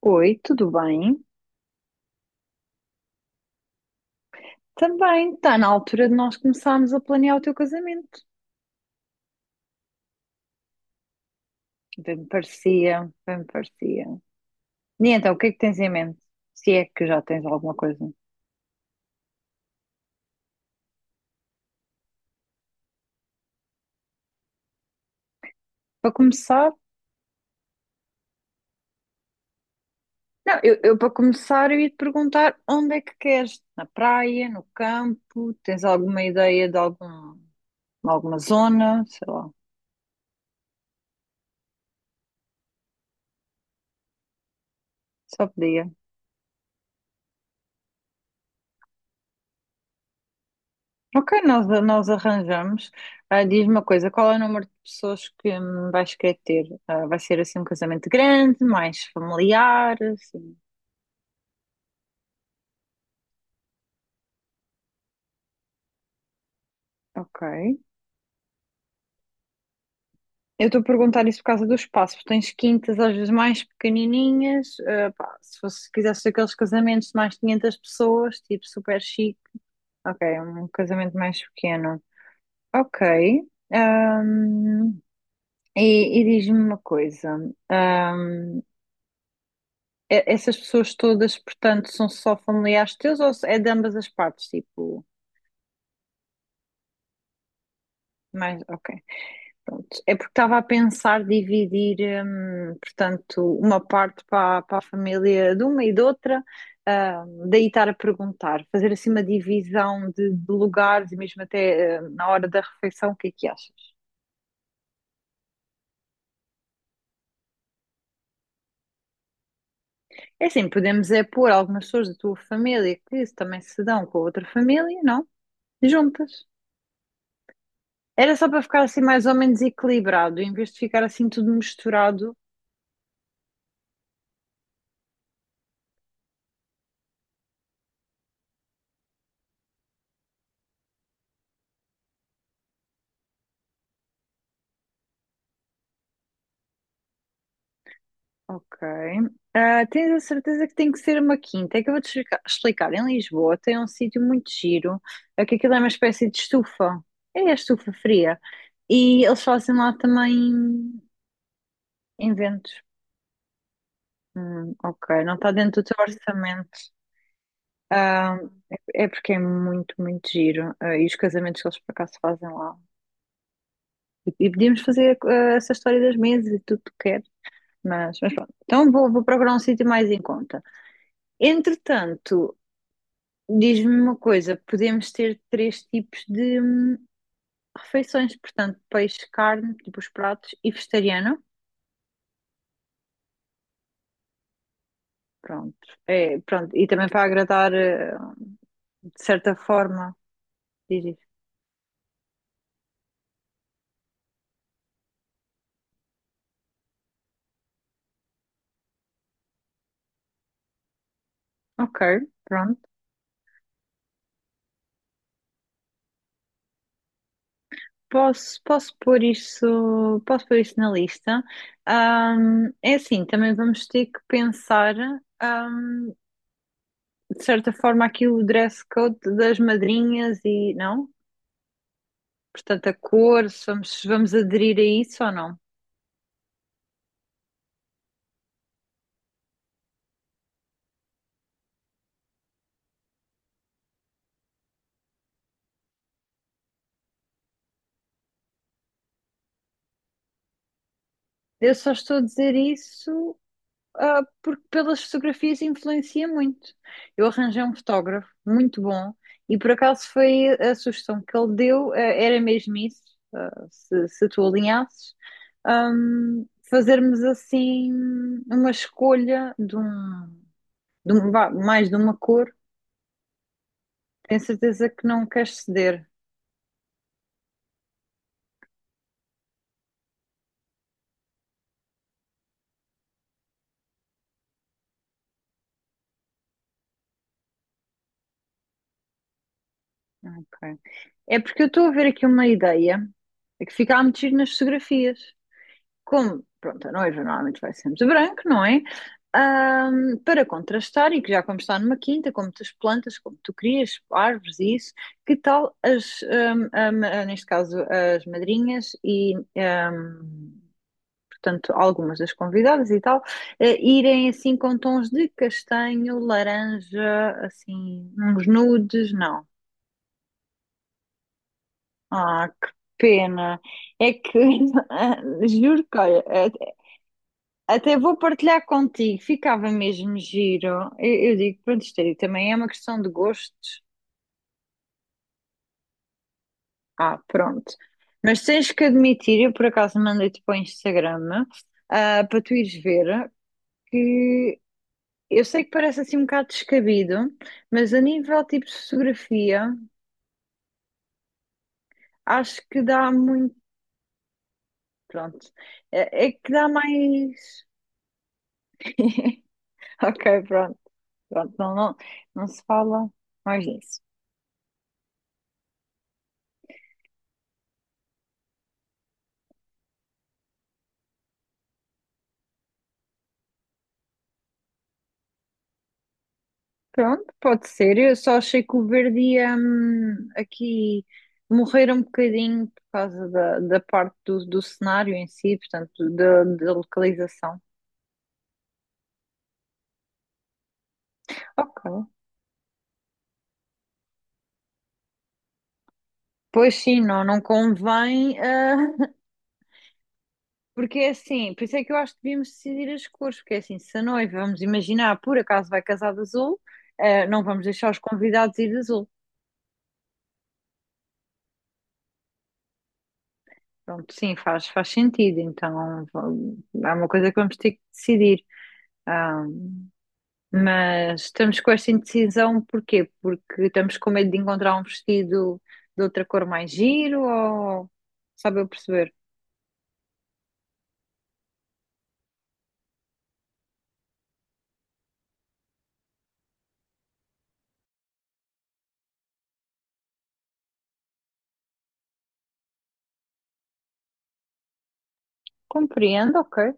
Oi, tudo bem? Também está na altura de nós começarmos a planear o teu casamento. Bem me parecia, bem me parecia. E então, o que é que tens em mente? Se é que já tens alguma coisa. Para começar, não, eu para começar eu ia te perguntar onde é que queres? Na praia, no campo? Tens alguma ideia de algum, alguma zona? Sei lá, só podia. Ok, nós arranjamos. Ah, diz-me uma coisa, qual é o número de pessoas que vais querer ter? Ah, vai ser assim um casamento grande, mais familiar, assim. Ok. Eu estou a perguntar isso por causa do espaço, porque tens quintas às vezes mais pequenininhas. Ah, pá, se fosse, se quisesse aqueles casamentos de mais 500 pessoas, tipo super chique. Ok, um casamento mais pequeno. Ok. Ahm, e diz-me uma coisa. Essas pessoas todas, portanto, são só familiares teus ou é de ambas as partes? Tipo, mais, ok, pronto. É porque estava a pensar dividir, portanto, uma parte para, para a família de uma e de outra, ah, daí estar a perguntar, fazer assim uma divisão de lugares e mesmo até, ah, na hora da refeição, o que é que achas? É assim, podemos é pôr algumas pessoas da tua família que também se dão com a outra família, não? Juntas. Era só para ficar assim mais ou menos equilibrado, em vez de ficar assim tudo misturado. Ok. Ah, tens a certeza que tem que ser uma quinta? É que eu vou-te explicar. Em Lisboa tem um sítio muito giro, é que aquilo é uma espécie de estufa. É a estufa fria. E eles fazem lá também inventos. Ok, não está dentro do teu orçamento. É porque é muito, muito giro. Ah, e os casamentos que eles por acaso fazem lá. E podíamos fazer ah, essa história das mesas e tudo que é. Mas pronto. Então vou, vou procurar um sítio mais em conta. Entretanto, diz-me uma coisa: podemos ter três tipos de refeições, portanto, peixe, carne, tipo os pratos, e vegetariano. Pronto. É, pronto. E também para agradar, de certa forma, diz isso. Ok, pronto. Posso, posso pôr isso na lista. É assim, também vamos ter que pensar, ahm, de certa forma, aqui o dress code das madrinhas e não? Portanto, a cor, se vamos, se vamos aderir a isso ou não. Eu só estou a dizer isso, ah, porque pelas fotografias influencia muito. Eu arranjei um fotógrafo muito bom e por acaso foi a sugestão que ele deu, ah, era mesmo isso, ah, se tu alinhasses, fazermos assim uma escolha de um, vá, mais de uma cor. Tenho certeza que não queres ceder. Ok. É porque eu estou a ver aqui uma ideia é que fica a meter nas fotografias. Como, pronto, a noiva normalmente vai sempre de branco, não é? Para contrastar, e que já como está numa quinta, com muitas plantas, como tu querias, árvores e isso, que tal as, ah, neste caso, as madrinhas e, portanto, algumas das convidadas e tal, irem assim com tons de castanho, laranja, assim, uns nudes, não. Ah, que pena. É que, juro que, olha, até até vou partilhar contigo, ficava mesmo giro. Eu digo, pronto, isto aí também é uma questão de gostos. Ah, pronto. Mas tens que admitir, eu por acaso mandei-te para o Instagram, ah, para tu ires ver, que eu sei que parece assim um bocado descabido, mas a nível tipo de fotografia, acho que dá muito, pronto, é que dá mais... Ok, pronto. Pronto, não, não, não se fala mais disso. Pronto, pode ser. Eu só achei que o verde ia aqui morrer um bocadinho por causa da, da parte do, do cenário em si, portanto, da, da localização. Ok. Pois sim, não, não convém, ah, porque é assim, por isso é que eu acho que devíamos decidir as cores, porque é assim, se a noiva, vamos imaginar, por acaso vai casar de azul, ah, não vamos deixar os convidados ir de azul. Pronto, sim, faz, faz sentido. Então, é uma coisa que vamos ter que decidir. Ah, mas estamos com esta indecisão, porquê? Porque estamos com medo de encontrar um vestido de outra cor mais giro ou sabe eu perceber? Compreendo, ok.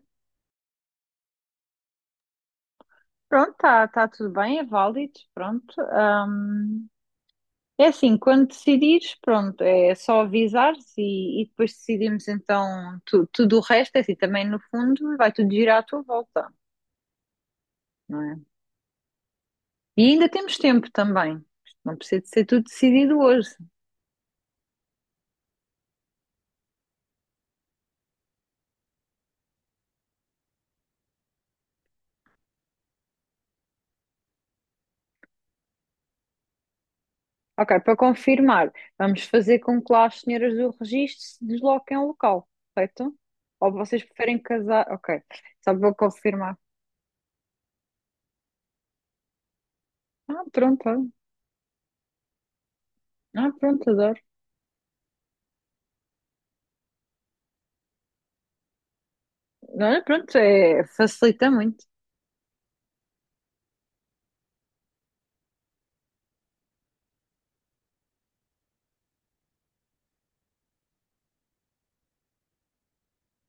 Pronto, está tá tudo bem, é válido, pronto. Ah, é assim, quando decidires, pronto, é só avisares e depois decidimos então tudo o resto, é assim, também no fundo vai tudo girar à tua volta, não é? E ainda temos tempo também. Isto não precisa de ser tudo decidido hoje. Ok, para confirmar, vamos fazer com que lá as senhoras do registro se desloquem ao local, correto? Ou vocês preferem casar? Ok, só para confirmar. Ah, pronto, olha. Ah, pronto, adoro. Olha, pronto, é, facilita muito.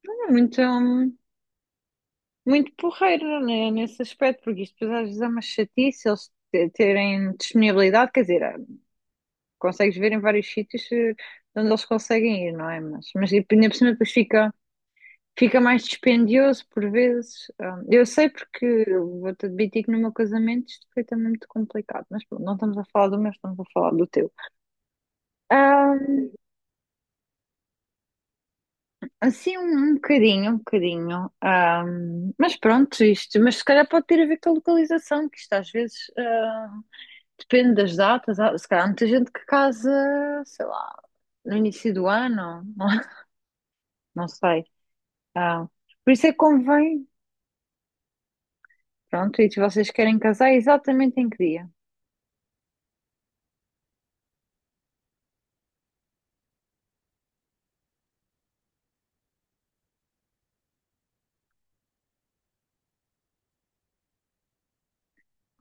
É muito, muito porreiro, né, nesse aspecto, porque isto depois às vezes é uma chatice eles terem disponibilidade, quer dizer, consegues ver em vários sítios onde eles conseguem ir, não é? Mas e ainda por cima depois fica, fica mais dispendioso por vezes. Ah, eu sei porque eu vou-te admitir que no meu casamento isto foi também muito complicado, mas pronto, não estamos a falar do meu, estamos a falar do teu. Ah, assim, um bocadinho, um bocadinho. Ah, mas pronto, isto, mas se calhar pode ter a ver com a localização, que isto às vezes ah, depende das datas. Se calhar há muita gente que casa, sei lá, no início do ano, não sei. Ah, por isso é que convém. Pronto, e se vocês querem casar, é exatamente em que dia?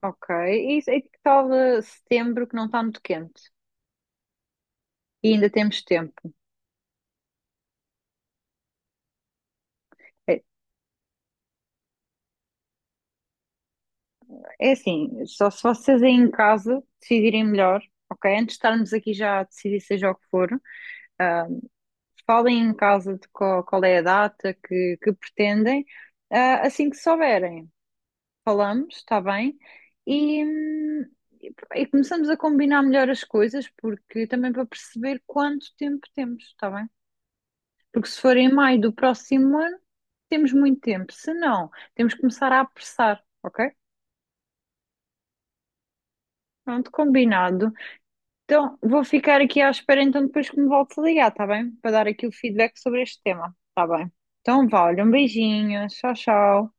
Ok. E que tal setembro que não está muito quente? E ainda temos tempo. É, é assim, só se vocês aí em casa decidirem melhor, ok? Antes de estarmos aqui já a decidir seja o que for, ah, falem em casa de qual, qual é a data que pretendem, ah, assim que souberem. Falamos, está bem? E, hum, e começamos a combinar melhor as coisas, porque também para perceber quanto tempo temos, está bem? Porque se for em maio do próximo ano, temos muito tempo. Se não, temos que começar a apressar, ok? Pronto, combinado. Então, vou ficar aqui à espera então depois que me voltes a ligar, está bem? Para dar aqui o feedback sobre este tema, está bem? Então, vá, olha, um beijinho, tchau, tchau.